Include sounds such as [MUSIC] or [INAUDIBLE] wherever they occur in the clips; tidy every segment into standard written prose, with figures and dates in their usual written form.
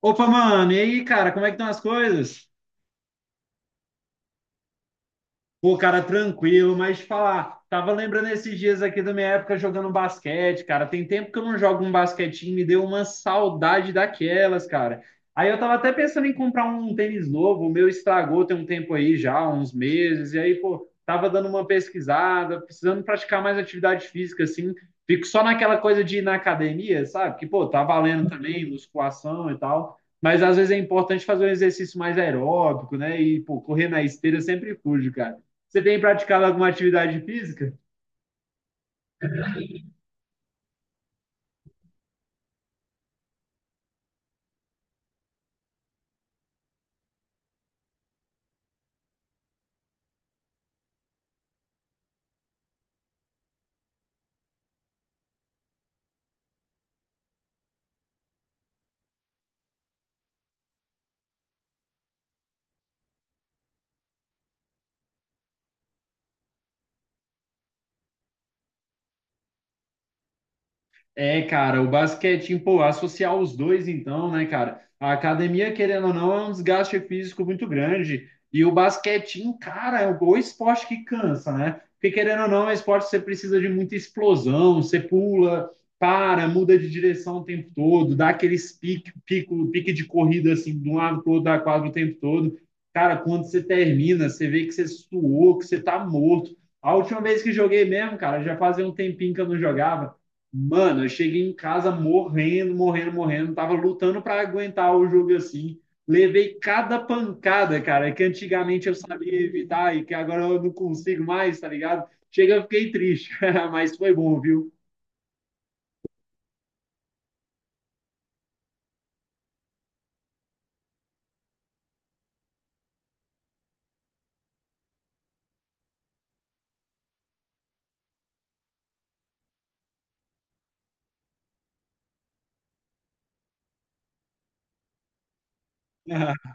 Opa, mano, e aí, cara, como é que estão as coisas? Pô, cara, tranquilo, mas te falar, tava lembrando esses dias aqui da minha época jogando basquete, cara. Tem tempo que eu não jogo um basquetinho, me deu uma saudade daquelas, cara. Aí eu tava até pensando em comprar um tênis novo, o meu estragou tem um tempo aí já, uns meses, e aí, pô, tava dando uma pesquisada, precisando praticar mais atividade física, assim. Fico só naquela coisa de ir na academia, sabe? Que, pô, tá valendo também, musculação e tal. Mas às vezes é importante fazer um exercício mais aeróbico, né? E, pô, correr na esteira eu sempre fujo, cara. Você tem praticado alguma atividade física? É, cara, o basquetinho, pô, associar os dois então, né, cara? A academia, querendo ou não, é um desgaste físico muito grande. E o basquetinho, cara, é o esporte que cansa, né? Porque querendo ou não, é um esporte que você precisa de muita explosão, você pula, para, muda de direção o tempo todo, dá aqueles pique, pico, pique de corrida assim, de um lado pro outro da quadra o tempo todo. Cara, quando você termina, você vê que você suou, que você tá morto. A última vez que joguei mesmo, cara, já fazia um tempinho que eu não jogava. Mano, eu cheguei em casa morrendo, morrendo, morrendo. Tava lutando para aguentar o jogo assim. Levei cada pancada, cara, que antigamente eu sabia evitar e que agora eu não consigo mais, tá ligado? Chega, eu fiquei triste, [LAUGHS] mas foi bom, viu? [LAUGHS]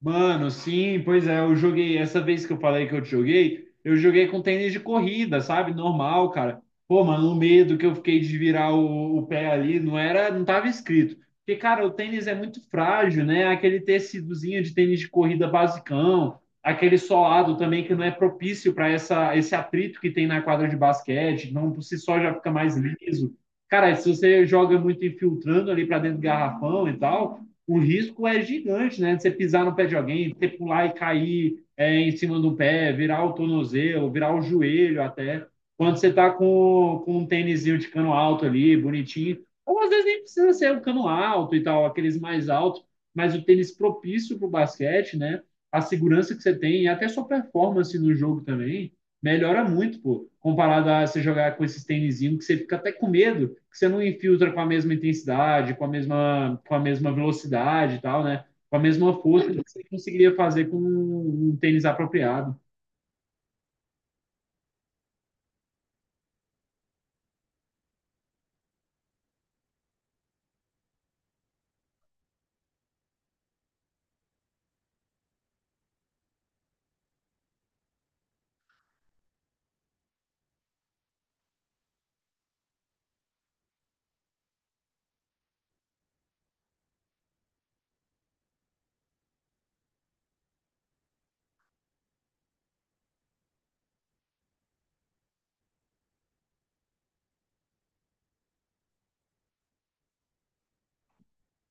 Mano, sim, pois é, eu joguei. Essa vez que eu falei que eu te joguei, eu joguei com tênis de corrida, sabe? Normal, cara. Pô, mano, o medo que eu fiquei de virar o pé ali não era, não tava escrito. Porque, cara, o tênis é muito frágil, né? Aquele tecidozinho de tênis de corrida basicão, aquele solado também que não é propício para essa esse atrito que tem na quadra de basquete, não por si só já fica mais liso. Cara, se você joga muito infiltrando ali para dentro do garrafão e tal, o risco é gigante, né? Você pisar no pé de alguém, você pular e cair é, em cima do pé, virar o tornozelo, virar o joelho até. Quando você está com um tênisinho de cano alto ali, bonitinho, ou às vezes nem precisa ser um cano alto e tal, aqueles mais altos, mas o tênis propício para o basquete, né? A segurança que você tem e até sua performance no jogo também melhora muito, pô, comparado a você jogar com esses tênisinhos que você fica até com medo, que você não infiltra com a mesma intensidade, com a mesma velocidade e tal, né? Com a mesma força que você conseguiria fazer com um tênis apropriado.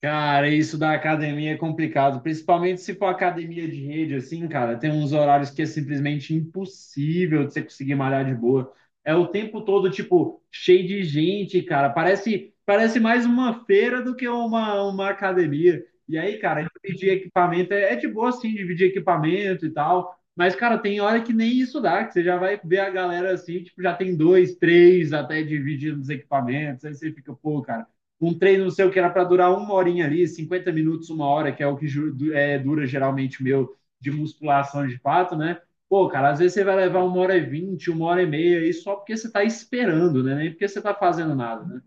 Cara, isso da academia é complicado, principalmente se for academia de rede, assim, cara, tem uns horários que é simplesmente impossível de você conseguir malhar de boa. É o tempo todo, tipo, cheio de gente, cara. Parece, parece mais uma feira do que uma academia. E aí, cara, dividir equipamento é de boa, assim, dividir equipamento e tal. Mas, cara, tem hora que nem isso dá, que você já vai ver a galera assim, tipo, já tem dois, três até dividindo os equipamentos. Aí você fica, pô, cara, um treino, não sei o que, era para durar uma horinha ali, 50 minutos, uma hora, que é o que é, dura geralmente o meu de musculação de fato, né? Pô, cara, às vezes você vai levar uma hora e 20, uma hora e meia, aí só porque você está esperando, né? Nem porque você está fazendo nada, né?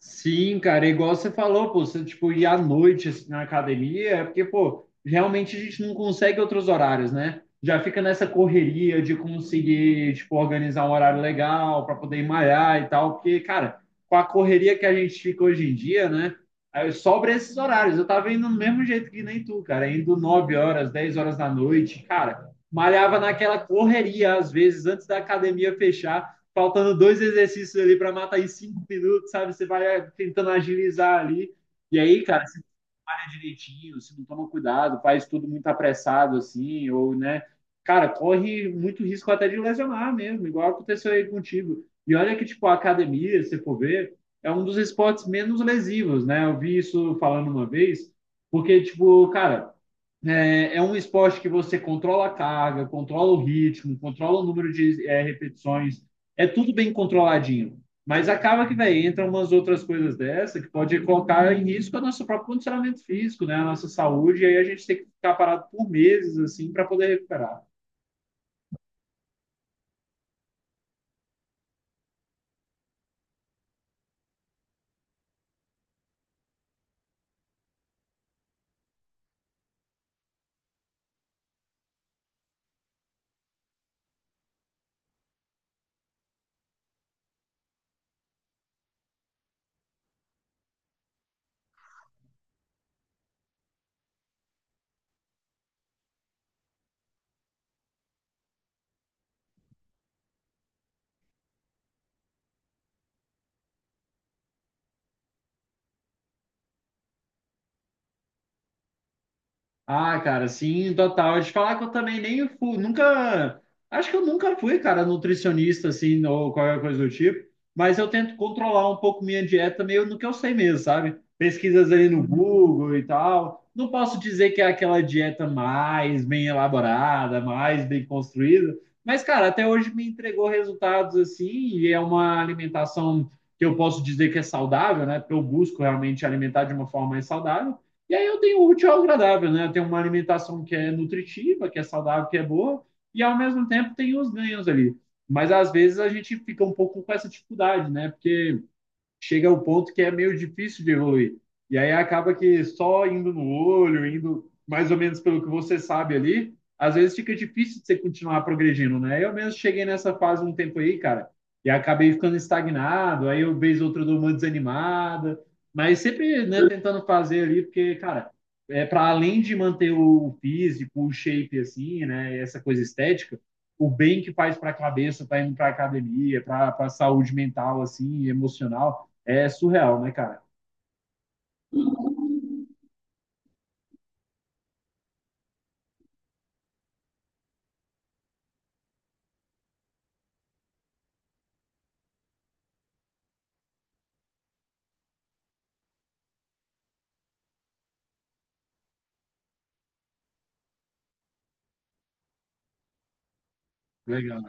Sim, cara, é igual você falou, pô, você, tipo, ir à noite assim, na academia, é porque, pô, realmente a gente não consegue outros horários, né? Já fica nessa correria de conseguir, tipo, organizar um horário legal para poder ir malhar e tal, porque, cara, com a correria que a gente fica hoje em dia, né? Aí sobra esses horários. Eu tava indo do mesmo jeito que nem tu, cara, indo 9 horas, 10 horas da noite, cara, malhava naquela correria, às vezes, antes da academia fechar, faltando dois exercícios ali para matar em 5 minutos, sabe? Você vai tentando agilizar ali. E aí, cara, malha direitinho, se não toma cuidado, faz tudo muito apressado assim, ou, né? Cara, corre muito risco até de lesionar mesmo, igual aconteceu aí contigo. E olha que, tipo, a academia, se for ver, é um dos esportes menos lesivos, né? Eu vi isso falando uma vez, porque, tipo, cara, é um esporte que você controla a carga, controla o ritmo, controla o número de repetições, é tudo bem controladinho. Mas acaba que, velho, entram umas outras coisas dessa que pode colocar em risco o nosso próprio condicionamento físico, né? A nossa saúde, e aí a gente tem que ficar parado por meses, assim, para poder recuperar. Ah, cara, sim, total. De falar que eu também nem fui, nunca, acho que eu nunca fui, cara, nutricionista assim ou qualquer coisa do tipo, mas eu tento controlar um pouco minha dieta meio no que eu sei mesmo, sabe? Pesquisas ali no Google e tal. Não posso dizer que é aquela dieta mais bem elaborada, mais bem construída, mas cara, até hoje me entregou resultados assim, e é uma alimentação que eu posso dizer que é saudável, né? Porque eu busco realmente alimentar de uma forma mais saudável. E aí eu tenho o útil ao agradável, né? Eu tenho uma alimentação que é nutritiva, que é saudável, que é boa, e ao mesmo tempo tem os ganhos ali. Mas às vezes a gente fica um pouco com essa dificuldade, né? Porque chega ao ponto que é meio difícil de evoluir. E aí acaba que só indo no olho, indo mais ou menos pelo que você sabe ali, às vezes fica difícil de você continuar progredindo, né? Eu mesmo cheguei nessa fase um tempo aí, cara, e acabei ficando estagnado, aí eu vez outra dou uma desanimada, mas sempre, né, tentando fazer ali, porque, cara, é para além de manter o físico, o shape assim, né, essa coisa estética, o bem que faz para a cabeça, tá indo para academia, para a saúde mental assim, emocional, é surreal, né, cara? Legal.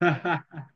[LAUGHS]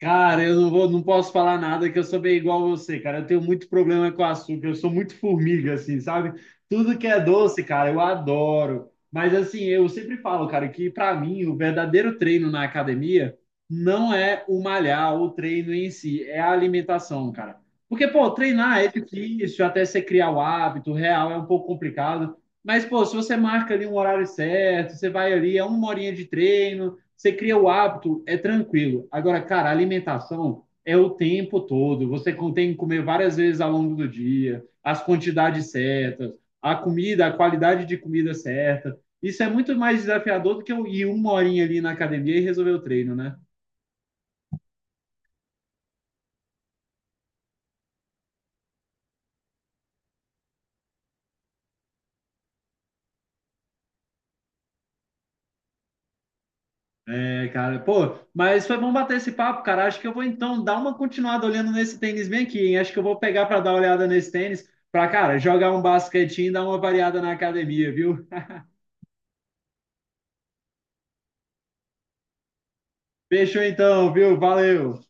Cara, eu não vou, não posso falar nada que eu sou bem igual a você, cara. Eu tenho muito problema com açúcar, eu sou muito formiga, assim, sabe? Tudo que é doce, cara, eu adoro. Mas assim, eu sempre falo, cara, que pra mim o verdadeiro treino na academia não é o malhar, o treino em si, é a alimentação, cara. Porque, pô, treinar é difícil, até você criar o hábito, real é um pouco complicado. Mas, pô, se você marca ali um horário certo, você vai ali, é uma horinha de treino. Você cria o hábito, é tranquilo. Agora, cara, a alimentação é o tempo todo. Você tem que comer várias vezes ao longo do dia, as quantidades certas, a comida, a qualidade de comida certa. Isso é muito mais desafiador do que eu ir uma horinha ali na academia e resolver o treino, né? É, cara, pô, mas foi bom bater esse papo, cara. Acho que eu vou então dar uma continuada olhando nesse tênis bem aqui, hein? Acho que eu vou pegar para dar uma olhada nesse tênis, para, cara, jogar um basquetinho e dar uma variada na academia, viu? Fechou então, viu? Valeu!